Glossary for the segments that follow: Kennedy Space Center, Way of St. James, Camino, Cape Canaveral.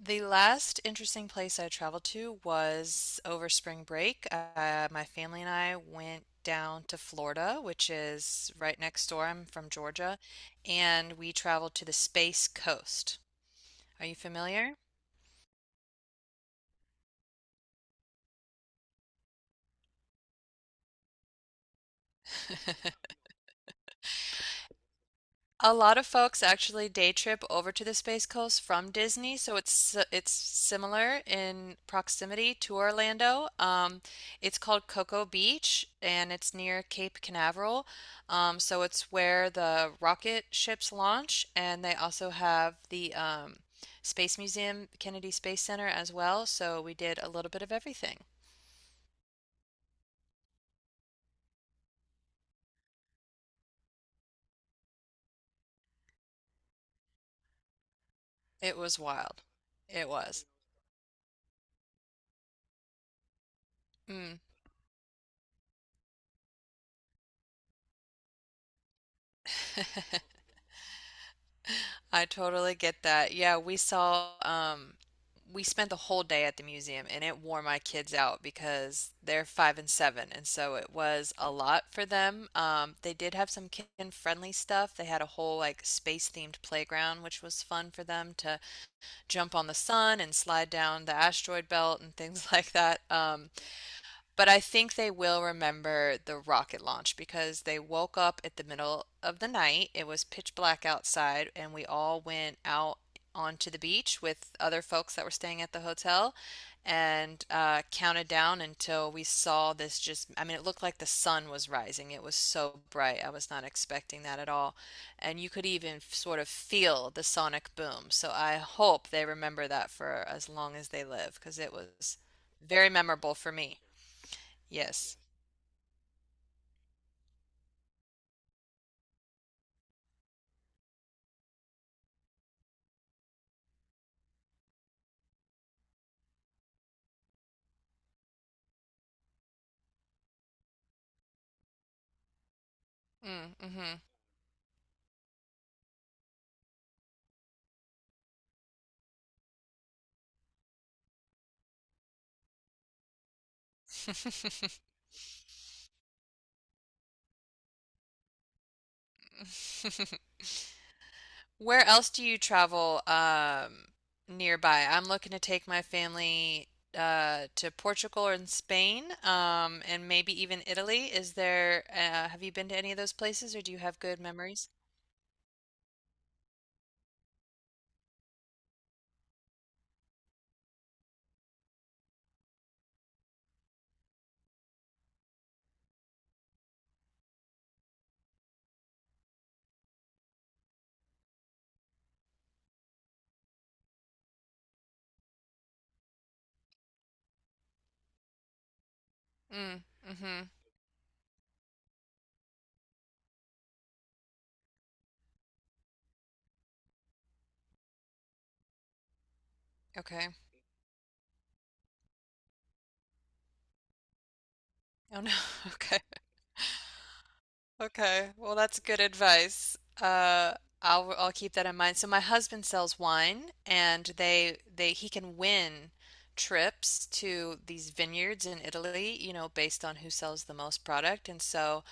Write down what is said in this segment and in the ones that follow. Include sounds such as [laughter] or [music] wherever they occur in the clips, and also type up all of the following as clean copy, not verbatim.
The last interesting place I traveled to was over spring break. My family and I went down to Florida, which is right next door. I'm from Georgia, and we traveled to the Space Coast. Are you familiar? A lot of folks actually day trip over to the Space Coast from Disney, so it's similar in proximity to Orlando. It's called Cocoa Beach, and it's near Cape Canaveral. So it's where the rocket ships launch, and they also have the Space Museum, Kennedy Space Center as well. So we did a little bit of everything. It was wild. It was. Mm. [laughs] I totally get that. Yeah, we saw, we spent the whole day at the museum and it wore my kids out because they're five and seven. And so it was a lot for them. They did have some kid-friendly stuff. They had a whole like space-themed playground, which was fun for them to jump on the sun and slide down the asteroid belt and things [laughs] like that. But I think they will remember the rocket launch because they woke up at the middle of the night. It was pitch black outside, and we all went out onto the beach with other folks that were staying at the hotel and counted down until we saw this just, I mean, it looked like the sun was rising. It was so bright. I was not expecting that at all. And you could even sort of feel the sonic boom. So I hope they remember that for as long as they live because it was very memorable for me. Yes. Mm, mhm. [laughs] Where else do you travel nearby? I'm looking to take my family to Portugal and Spain, and maybe even Italy. Is there, have you been to any of those places, or do you have good memories? Mm, mhm. Okay. Oh no. [laughs] Okay. Okay, well, that's good advice. I'll keep that in mind. So my husband sells wine, and they he can win trips to these vineyards in Italy, you know, based on who sells the most product. And so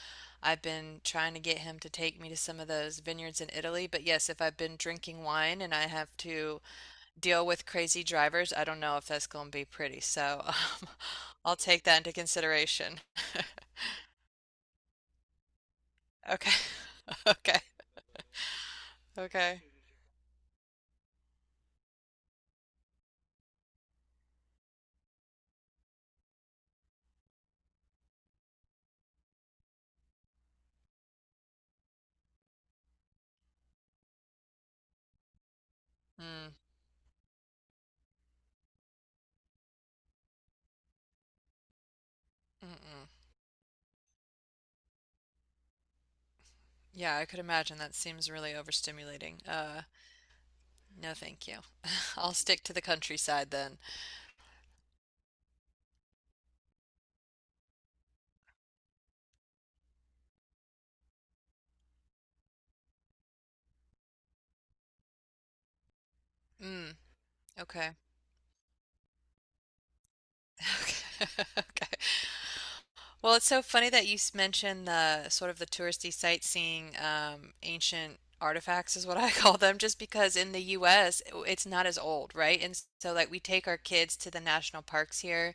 I've been trying to get him to take me to some of those vineyards in Italy. But yes, if I've been drinking wine and I have to deal with crazy drivers, I don't know if that's going to be pretty. So [laughs] I'll take that into consideration. [laughs] Okay. [laughs] Okay. Okay. Mm, mm-mm. Yeah, I could imagine that seems really overstimulating. No, thank you. [laughs] I'll stick to the countryside then. Mm, okay. [laughs] Okay. Okay. Well, it's so funny that mentioned the sort of the touristy sightseeing ancient artifacts is what I [laughs] call them, just because in the U.S. it's not as old, right? And so like we take our kids to the national parks here,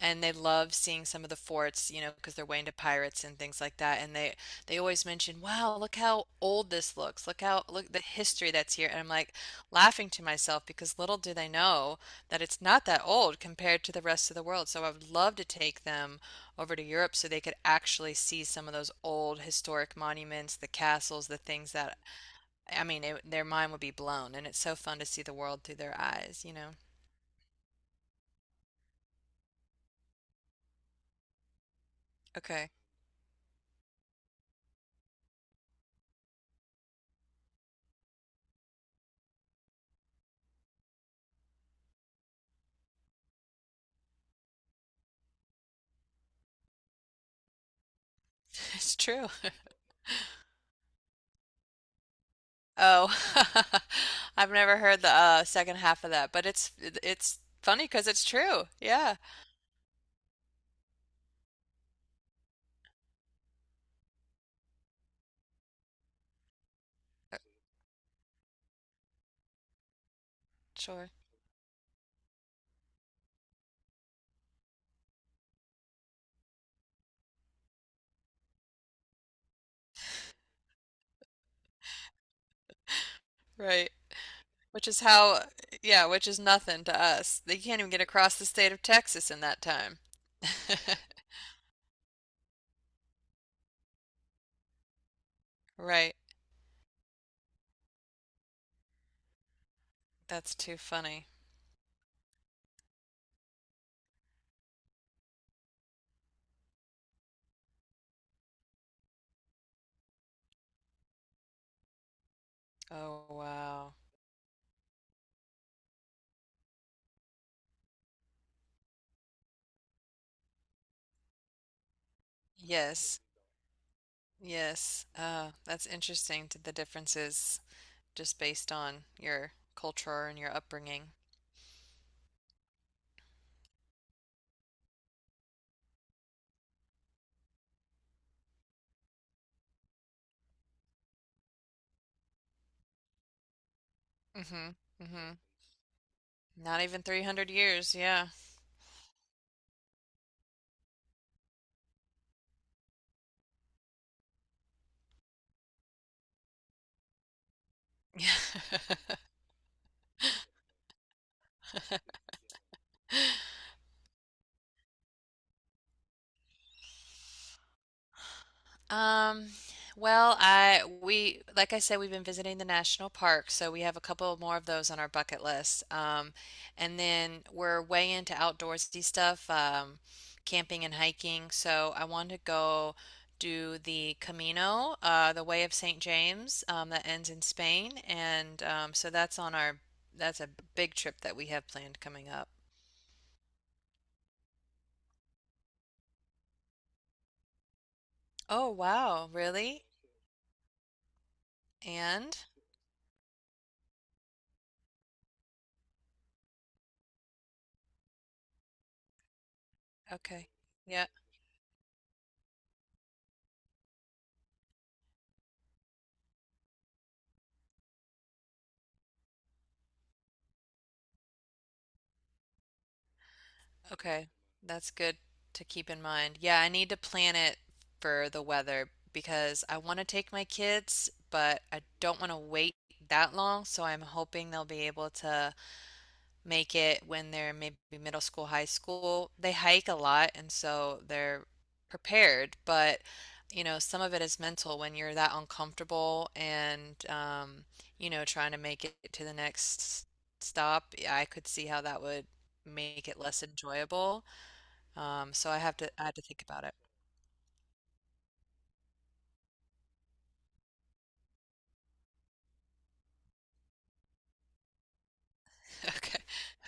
and they love seeing some of the forts, you know, because they're way into pirates and things like that. And they always mention, "Wow, look how old this looks! Look how look the history that's here." And I'm like laughing to myself because little do they know that it's not that old compared to the rest of the world. So I would love to take them over to Europe so they could actually see some of those old historic monuments, the castles, the things that, I mean, their mind would be blown. And it's so fun to see the world through their eyes, you know? Okay. [laughs] It's true. Oh, [laughs] I've never heard the second half of that, but it's funny because it's true. Yeah, sure, right. Which is how, yeah, which is nothing to us. They can't even get across the state of Texas in that time. [laughs] Right. That's too funny. Oh, wow. Yes, yes. That's interesting to the differences just based on your culture and your upbringing. Mm-hmm. Mm-hmm. Not even 300 years, yeah. [laughs] Um, well, I we like I said, we've been visiting the national park, so we have a couple more of those on our bucket list. And then we're way into outdoorsy stuff, camping and hiking. So I want to go do the Camino, the Way of St. James, that ends in Spain, and so that's on our that's a big trip that we have planned coming up. Oh wow, really? And okay. Yeah. Okay, that's good to keep in mind. Yeah, I need to plan it for the weather because I want to take my kids, but I don't want to wait that long. So I'm hoping they'll be able to make it when they're maybe middle school, high school. They hike a lot, and so they're prepared, but you know, some of it is mental when you're that uncomfortable and you know, trying to make it to the next stop. I could see how that would make it less enjoyable. So I have to think about it. [laughs] Okay.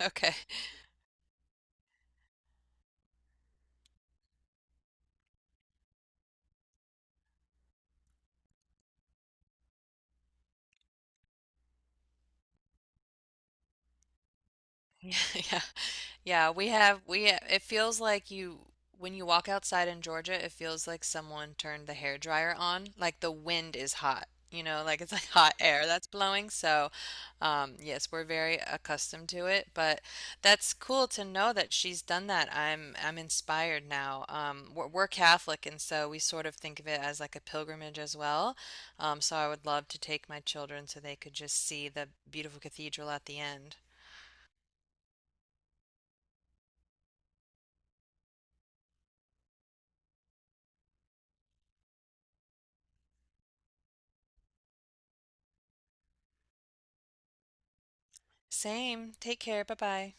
Okay. [laughs] Yeah. Yeah, we it feels like you when you walk outside in Georgia, it feels like someone turned the hair dryer on. Like the wind is hot, you know, like it's like hot air that's blowing. So, yes, we're very accustomed to it, but that's cool to know that she's done that. I'm inspired now. We're Catholic, and so we sort of think of it as like a pilgrimage as well. So I would love to take my children so they could just see the beautiful cathedral at the end. Same. Take care. Bye bye.